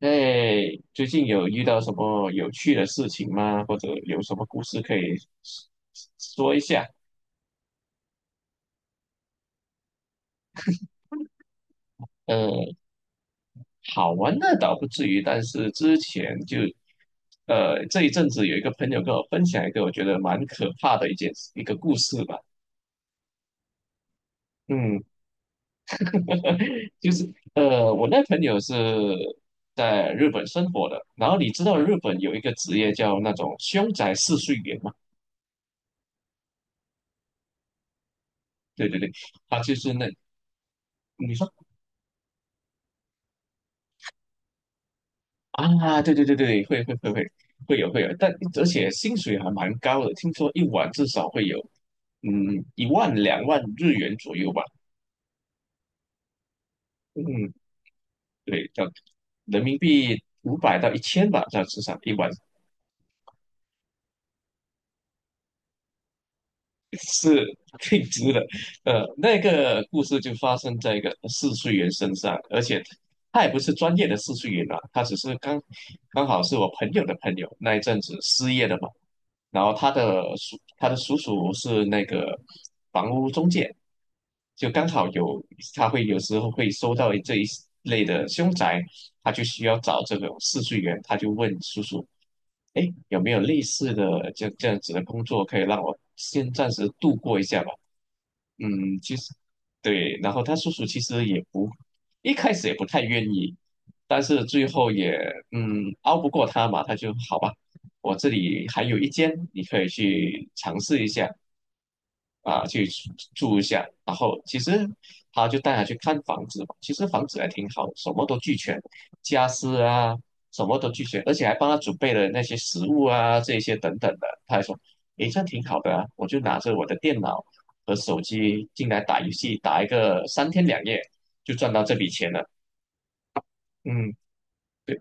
哎，最近有遇到什么有趣的事情吗？或者有什么故事可以说一下？呃，好玩的倒不至于，但是之前就，这一阵子有一个朋友跟我分享一个我觉得蛮可怕的一个故事吧。嗯，就是我那朋友是在日本生活的，然后你知道日本有一个职业叫那种凶宅试睡员嘛？对对对，他就是那。你说。啊，对对对对，会有，但而且薪水还蛮高的，听说一晚至少会有1万2万日元左右吧。嗯，对，这样人民币500到1000吧，这样至少一晚。是挺直的。那个故事就发生在一个试睡员身上，而且他也不是专业的试睡员啊，他只是刚刚好是我朋友的朋友，那一阵子失业了嘛。然后他的叔叔是那个房屋中介，就刚好有他会有时候会收到这一类的凶宅，他就需要找这种试睡员，他就问叔叔，哎，有没有类似的这样子的工作可以让我先暂时度过一下吧？嗯，其实对，然后他叔叔其实也不一开始也不太愿意，但是最后也拗不过他嘛，他就好吧，我这里还有一间，你可以去尝试一下啊，去住住一下。然后其实他就带他去看房子嘛，其实房子还挺好，什么都俱全，家私啊什么都俱全，而且还帮他准备了那些食物啊这些等等的。他还说，诶，这样挺好的啊，我就拿着我的电脑和手机进来打游戏，打一个三天两夜就赚到这笔钱了。嗯，对，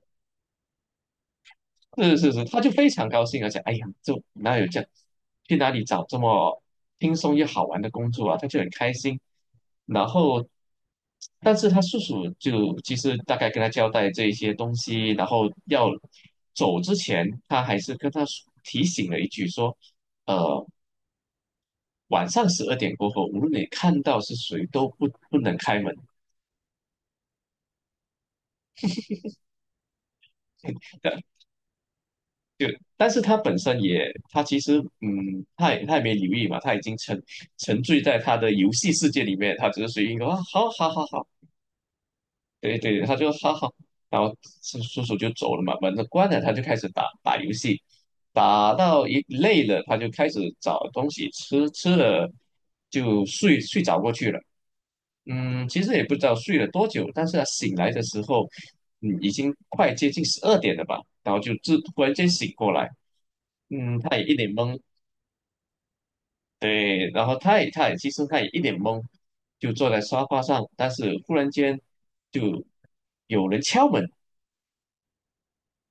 是是是，他就非常高兴啊，而且哎呀，就哪有这样，去哪里找这么轻松又好玩的工作啊？他就很开心。然后，但是他叔叔就其实大概跟他交代这一些东西，然后要走之前，他还是跟他提醒了一句说，呃，晚上十二点过后，无论你看到是谁，都不能开门。的。但是他本身也，他其实，嗯，他也没留意嘛，他已经沉醉在他的游戏世界里面，他只是随意一个啊，好好好好，对对，他就好好，然后叔叔就走了嘛，门都关了，他就开始打打游戏，打到一累了，他就开始找东西吃，吃了就睡着过去了。嗯，其实也不知道睡了多久，但是他醒来的时候，嗯，已经快接近十二点了吧，然后就突然间醒过来，嗯，他也一脸懵，对，然后他也一脸懵，就坐在沙发上，但是忽然间就有人敲门，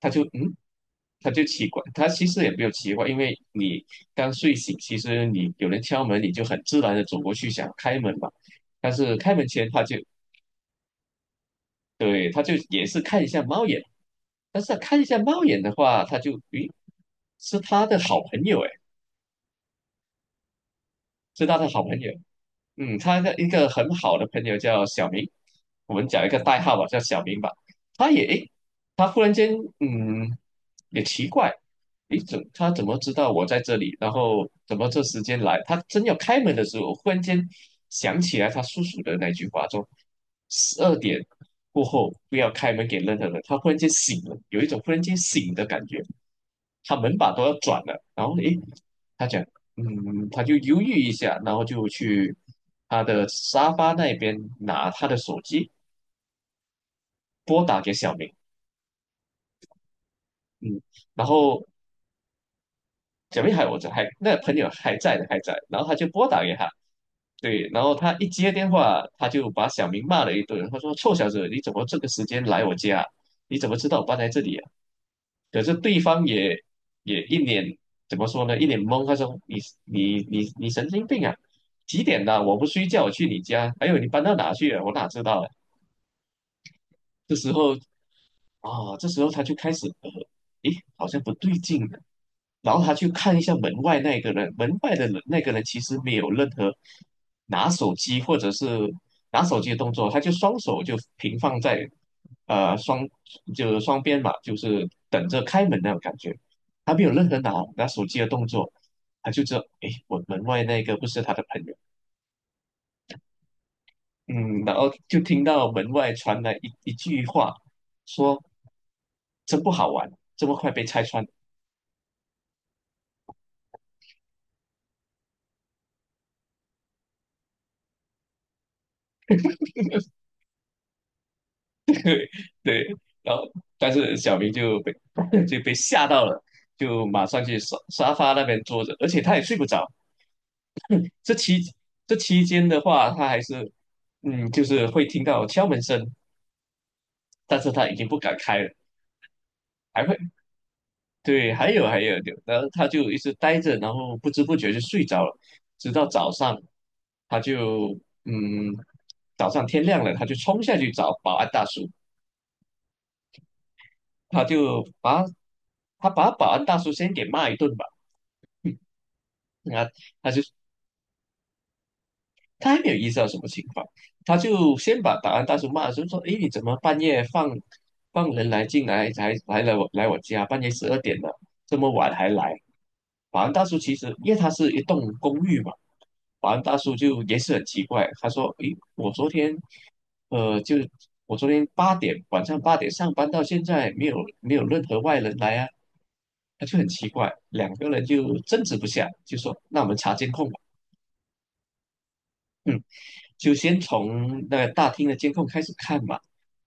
他就嗯，他就奇怪，他其实也没有奇怪，因为你刚睡醒，其实你有人敲门，你就很自然的走过去想开门嘛，但是开门前他就对，他就也是看一下猫眼，但是他看一下猫眼的话，他就咦，是他的好朋友哎，是他的好朋友。嗯，他的一个很好的朋友叫小明，我们讲一个代号吧，叫小明吧。他也，诶，他忽然间，嗯，也奇怪，诶，他怎么知道我在这里？然后怎么这时间来？他真要开门的时候，忽然间想起来他叔叔的那句话，说十二点过后不要开门给任何人。他忽然间醒了，有一种忽然间醒的感觉。他门把都要转了，然后诶，他讲，嗯，他就犹豫一下，然后就去他的沙发那边拿他的手机拨打给小明，嗯，然后小明还我这还那朋友还在的还在，然后他就拨打给他，对，然后他一接电话，他就把小明骂了一顿，他说臭小子，你怎么这个时间来我家？你怎么知道我搬来这里啊？可是对方也也一脸怎么说呢？一脸懵，他说："你神经病啊！几点了？我不睡觉，我去你家。还有你搬到哪去了？我哪知道啊？"这时候这时候他就开始诶，好像不对劲，然后他去看一下门外那个人，门外的人那个人其实没有任何拿手机或者是拿手机的动作，他就双手就平放在呃双就是双边嘛，就是等着开门那种感觉，他没有任何拿手机的动作，他就知道诶，我门外那个不是他的朋友，嗯，然后就听到门外传来一句话，说真不好玩，这么快被拆穿。对，然后但是小明就被 就被吓到了，就马上去沙发那边坐着，而且他也睡不着。这期这期间的话，他还是嗯，就是会听到敲门声，但是他已经不敢开了，还会对，还有还有，然后他就一直呆着，然后不知不觉就睡着了，直到早上，他就嗯，早上天亮了，他就冲下去找保安大叔，他就把他把保安大叔先给骂一顿吧。那他就他还没有意识到什么情况，他就先把保安大叔骂了，就说："诶，你怎么半夜放人来进来，才来了我来我家，半夜12点了，这么晚还来？"保安大叔其实因为他是一栋公寓嘛，保安大叔就也是很奇怪，他说："诶，我昨天呃，就我昨天八点晚上八点上班到现在，没有没有任何外人来啊。"他就很奇怪，两个人就争执不下，就说："那我们查监控吧。"嗯，就先从那个大厅的监控开始看嘛，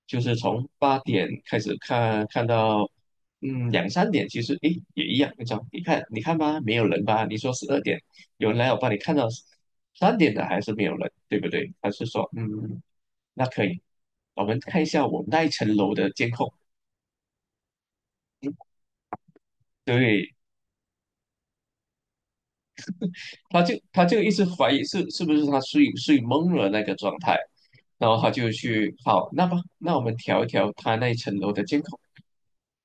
就是从八点开始看，看到2、3点，其实诶也一样那种。你看，你看吧，没有人吧？你说十二点有人来，我帮你看到三点的还是没有人，对不对？还是说嗯那可以，我们看一下我们那一层楼的监控。对，他就一直怀疑是不是他睡懵了那个状态，然后他就去好，那么那我们调一调他那一层楼的监控。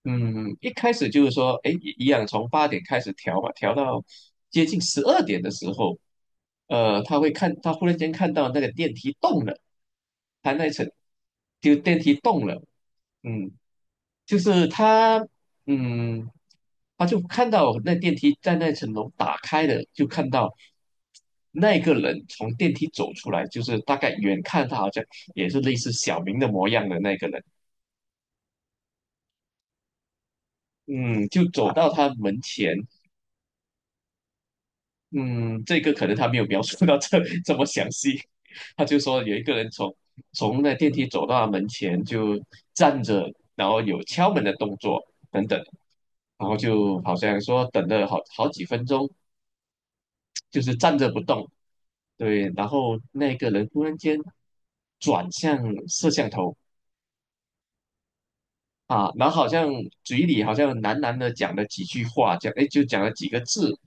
嗯，一开始就是说，哎，一样从八点开始调吧，调到接近十二点的时候，他会看，他忽然间看到那个电梯动了，他那一层就电梯动了，嗯，就是他，嗯，他就看到那电梯在那层楼打开的，就看到那个人从电梯走出来，就是大概远看他好像也是类似小明的模样的那个人，嗯，就走到他门前，嗯，这个可能他没有描述到这 这么详细，他就说有一个人从从那电梯走到他门前就站着，然后有敲门的动作等等。然后就好像说等了好几分钟，就是站着不动。对，然后那个人突然间转向摄像头啊，然后好像嘴里好像喃喃的讲了几句话，讲哎就讲了几个字，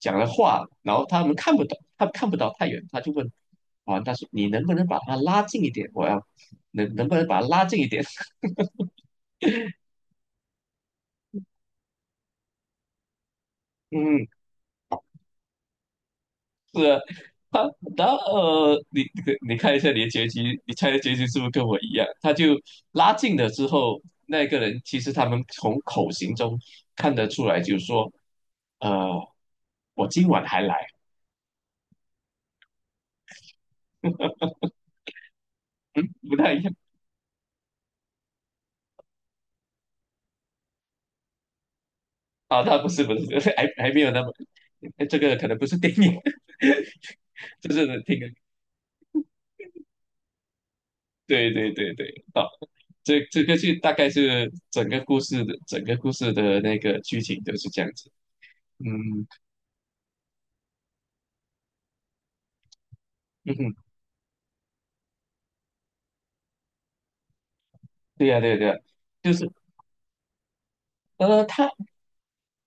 讲了话，然后他们看不懂，他看不到太远，他就问啊，他说你能不能把他拉近一点？我要能不能把他拉近一点？嗯，是啊 他然后你你看一下你的结局，你猜的结局是不是跟我一样？他就拉近了之后，那个人其实他们从口型中看得出来，就是说，呃，我今晚还来，嗯，不太一样啊，他不是不是，还还没有那么，哎这个可能不是电影，就是能听，对对对对，啊，哦这这个就大概是整个故事的那个剧情都是这样子，嗯嗯哼，对呀、对呀、对呀、呃，他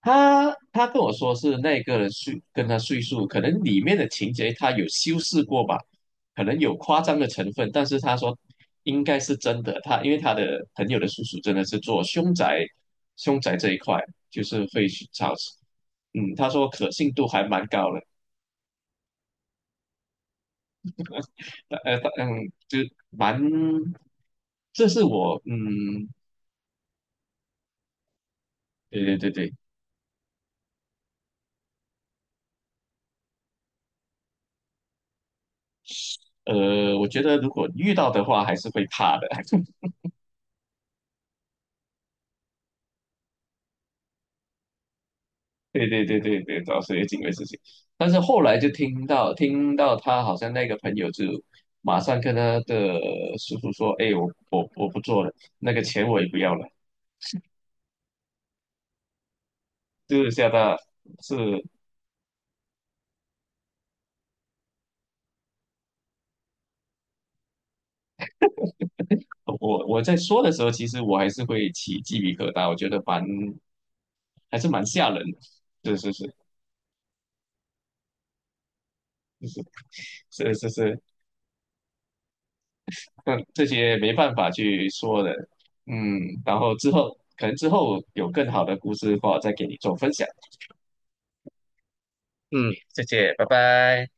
他跟我说是那个人跟他叙述，可能里面的情节他有修饰过吧，可能有夸张的成分，但是他说应该是真的。他因为他的朋友的叔叔真的是做凶宅，凶宅这一块就是会去找，嗯，他说可信度还蛮高的，就蛮，这是我，嗯，对对对对，我觉得如果遇到的话还是会怕的。对对对对对，找水警卫事情。但是后来就听到听到他好像那个朋友就马上跟他的叔叔说："哎，我不做了，那个钱我也不要了。"就是吓到，是我我在说的时候，其实我还是会起鸡皮疙瘩，我觉得还是蛮吓人的。是是是是是是，但这些没办法去说的。嗯，然后之后可能之后有更好的故事的话，再给你做分享。嗯，谢谢，拜拜。